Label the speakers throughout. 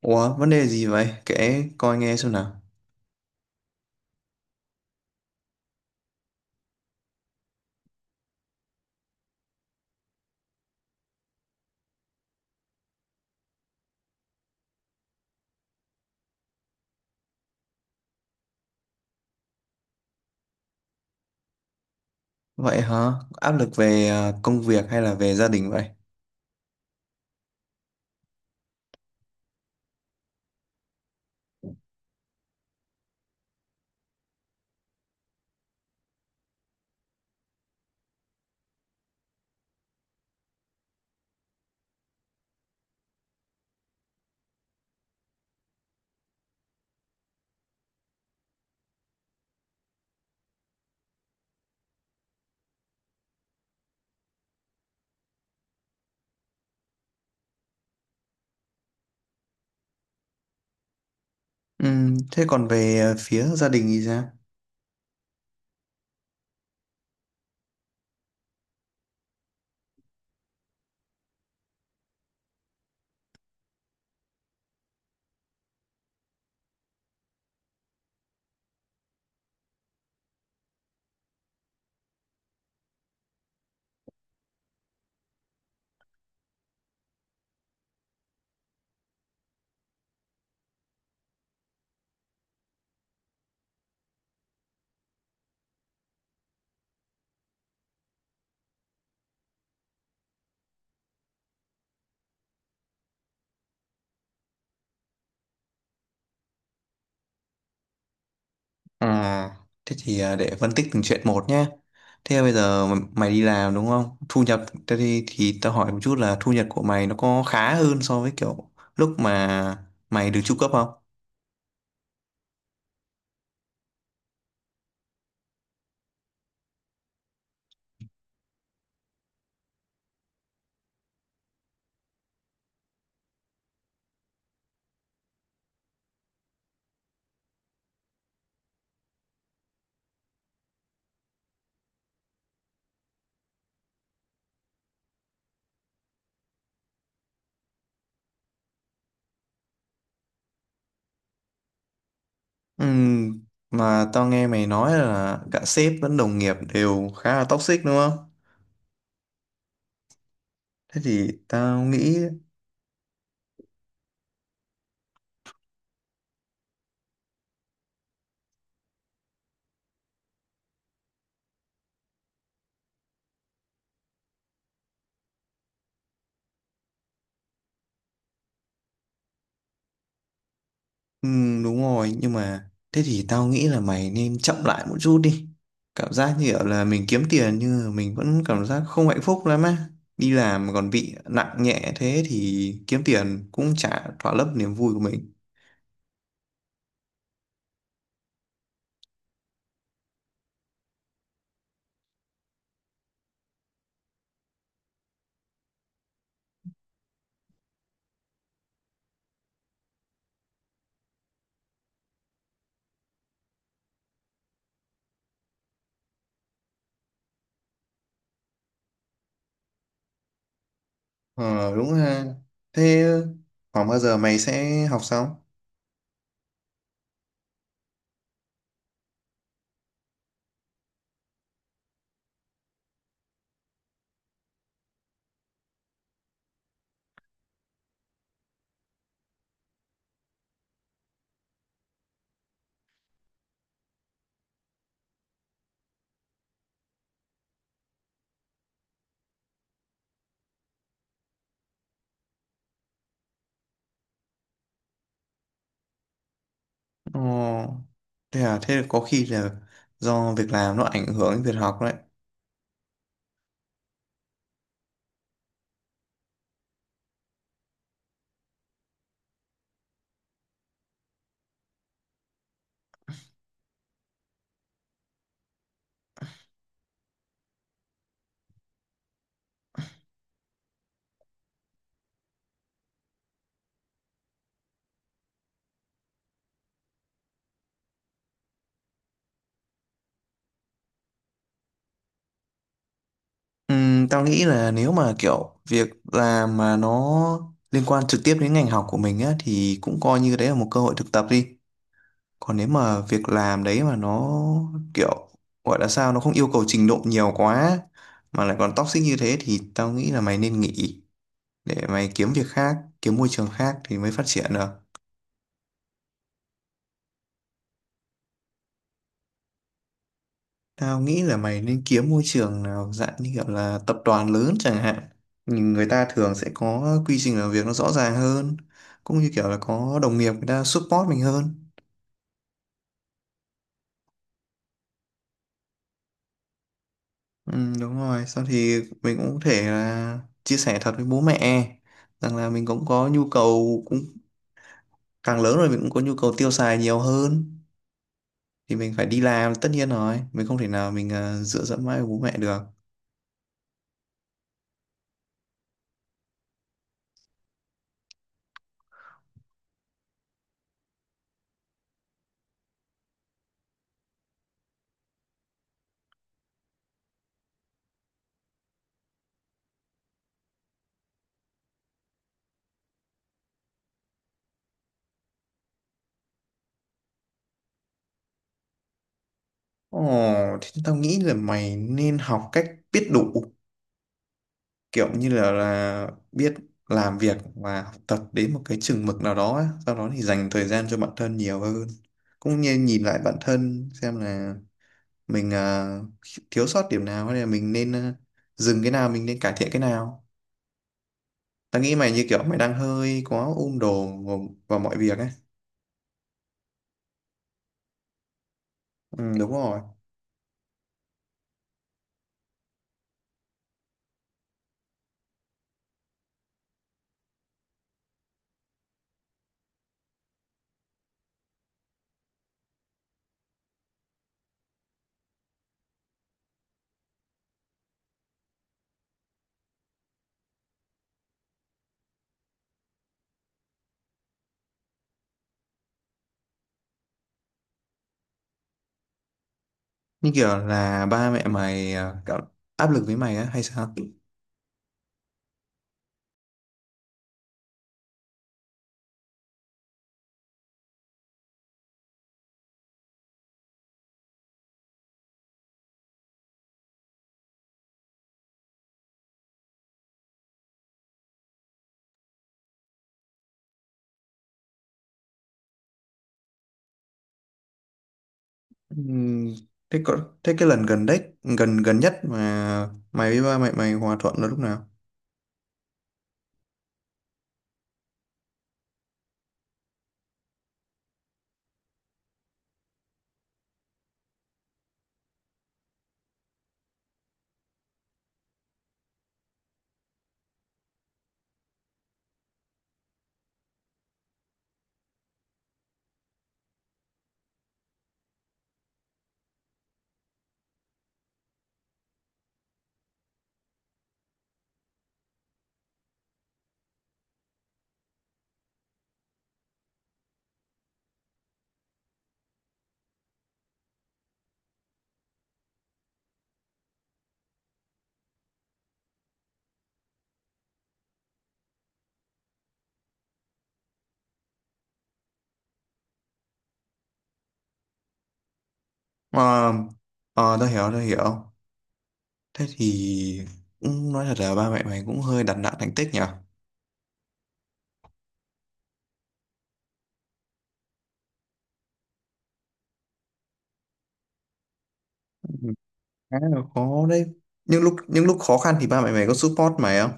Speaker 1: Ủa, vấn đề gì vậy? Kể coi nghe xem nào. Vậy hả? Áp lực về công việc hay là về gia đình vậy? Thế còn về phía gia đình thì sao? À, thế thì để phân tích từng chuyện một nhé. Thế bây giờ mày đi làm đúng không? Thu nhập, thế thì tao hỏi một chút là thu nhập của mày nó có khá hơn so với kiểu lúc mà mày được tru cấp không? Ừm, mà tao nghe mày nói là cả sếp lẫn đồng nghiệp đều khá là toxic đúng không? Thế thì tao nghĩ. Ừ, đúng rồi nhưng mà thế thì tao nghĩ là mày nên chậm lại một chút đi, cảm giác như kiểu là mình kiếm tiền nhưng mà mình vẫn cảm giác không hạnh phúc lắm á. Đi làm mà còn bị nặng nhẹ thế thì kiếm tiền cũng chả thỏa lấp niềm vui của mình. Ờ đúng ha, thế khoảng bao giờ mày sẽ học xong? Ờ, thế à, thế có khi là do việc làm nó ảnh hưởng đến việc học đấy. Tao nghĩ là nếu mà kiểu việc làm mà nó liên quan trực tiếp đến ngành học của mình á thì cũng coi như đấy là một cơ hội thực tập đi. Còn nếu mà việc làm đấy mà nó kiểu, gọi là sao, nó không yêu cầu trình độ nhiều quá mà lại còn toxic như thế thì tao nghĩ là mày nên nghỉ, để mày kiếm việc khác, kiếm môi trường khác thì mới phát triển được. Tao nghĩ là mày nên kiếm môi trường nào dạng như kiểu là tập đoàn lớn chẳng hạn. Nhưng người ta thường sẽ có quy trình làm việc nó rõ ràng hơn. Cũng như kiểu là có đồng nghiệp người ta support mình hơn. Ừ, đúng rồi. Sau thì mình cũng có thể là chia sẻ thật với bố mẹ. Rằng là mình cũng có nhu cầu, cũng càng lớn rồi mình cũng có nhu cầu tiêu xài nhiều hơn. Thì mình phải đi làm tất nhiên rồi. Mình không thể nào mình dựa dẫm mãi vào bố mẹ được. Ồ, thì tao nghĩ là mày nên học cách biết đủ, kiểu như là biết làm việc và học tập đến một cái chừng mực nào đó ấy. Sau đó thì dành thời gian cho bản thân nhiều hơn, cũng như nhìn lại bản thân xem là mình thiếu sót điểm nào hay là mình nên dừng cái nào, mình nên cải thiện cái nào. Tao nghĩ mày như kiểu mày đang hơi quá ôm đồm vào mọi việc ấy. Ừ, đúng rồi. Như kiểu là ba mẹ mày cảm-, áp lực với mày á hay sao? Ừm, thế có, thế cái lần gần đấy gần gần nhất mà mày với ba mày, mày hòa thuận là lúc nào? Ờ, ờ tao hiểu, tao hiểu. Thế thì cũng nói thật là ba mẹ mày cũng hơi đặt nặng thành tích nhỉ. Ừm, khá là khó đấy. Những lúc khó khăn thì ba mẹ mày có support mày không?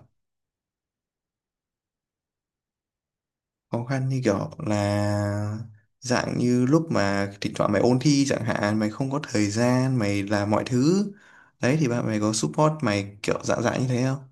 Speaker 1: Khó khăn như kiểu là dạng như lúc mà thỉnh thoảng mày ôn thi chẳng hạn, mày không có thời gian mày làm mọi thứ đấy, thì ba mẹ mày có support mày kiểu dạng dạng như thế không?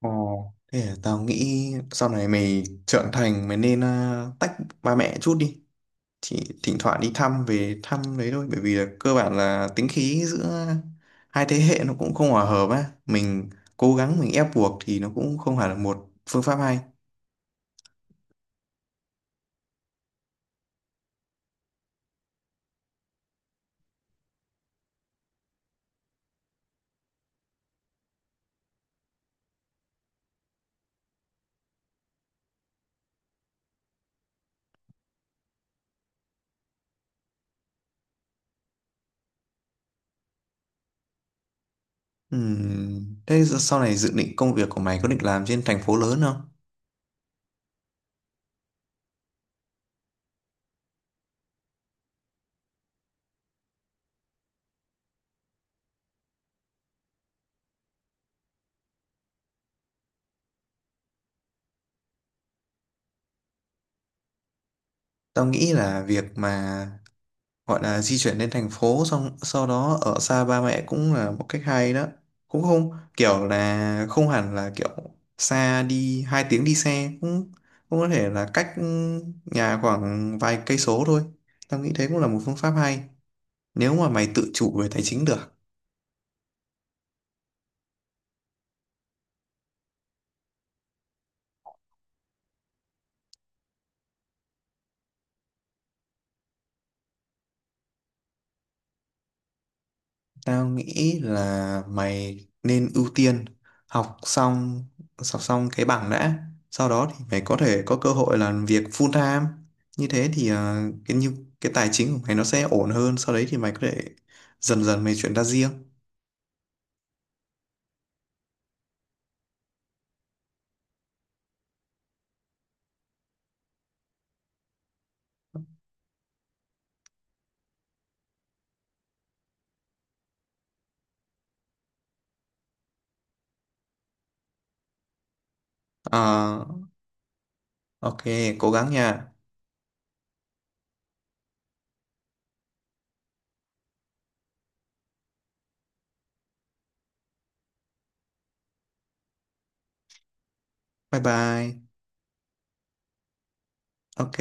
Speaker 1: Ồ, thế à, tao nghĩ sau này mày trưởng thành mày nên tách ba mẹ chút đi. Chỉ thỉnh thoảng đi thăm, về thăm đấy thôi. Bởi vì là cơ bản là tính khí giữa hai thế hệ nó cũng không hòa hợp á. Mình cố gắng, mình ép buộc thì nó cũng không phải là một phương pháp hay. Thế giờ-, sau này dự định công việc của mày có định làm trên thành phố lớn không? Tao nghĩ là việc mà gọi là di chuyển lên thành phố xong sau đó ở xa ba mẹ cũng là một cách hay đó. Cũng không kiểu là, không hẳn là kiểu xa, đi 2 tiếng đi xe cũng cũng có thể là cách, nhà khoảng vài cây số thôi. Tao nghĩ thế cũng là một phương pháp hay nếu mà mày tự chủ về tài chính được. Tao nghĩ là mày nên ưu tiên học xong học xong cái bằng đã, sau đó thì mày có thể có cơ hội làm việc full-time. Như thế thì cái như cái tài chính của mày nó sẽ ổn hơn, sau đấy thì mày có thể dần dần mày chuyển ra riêng. Ờ, ok, cố gắng nha. Bye bye. Ok.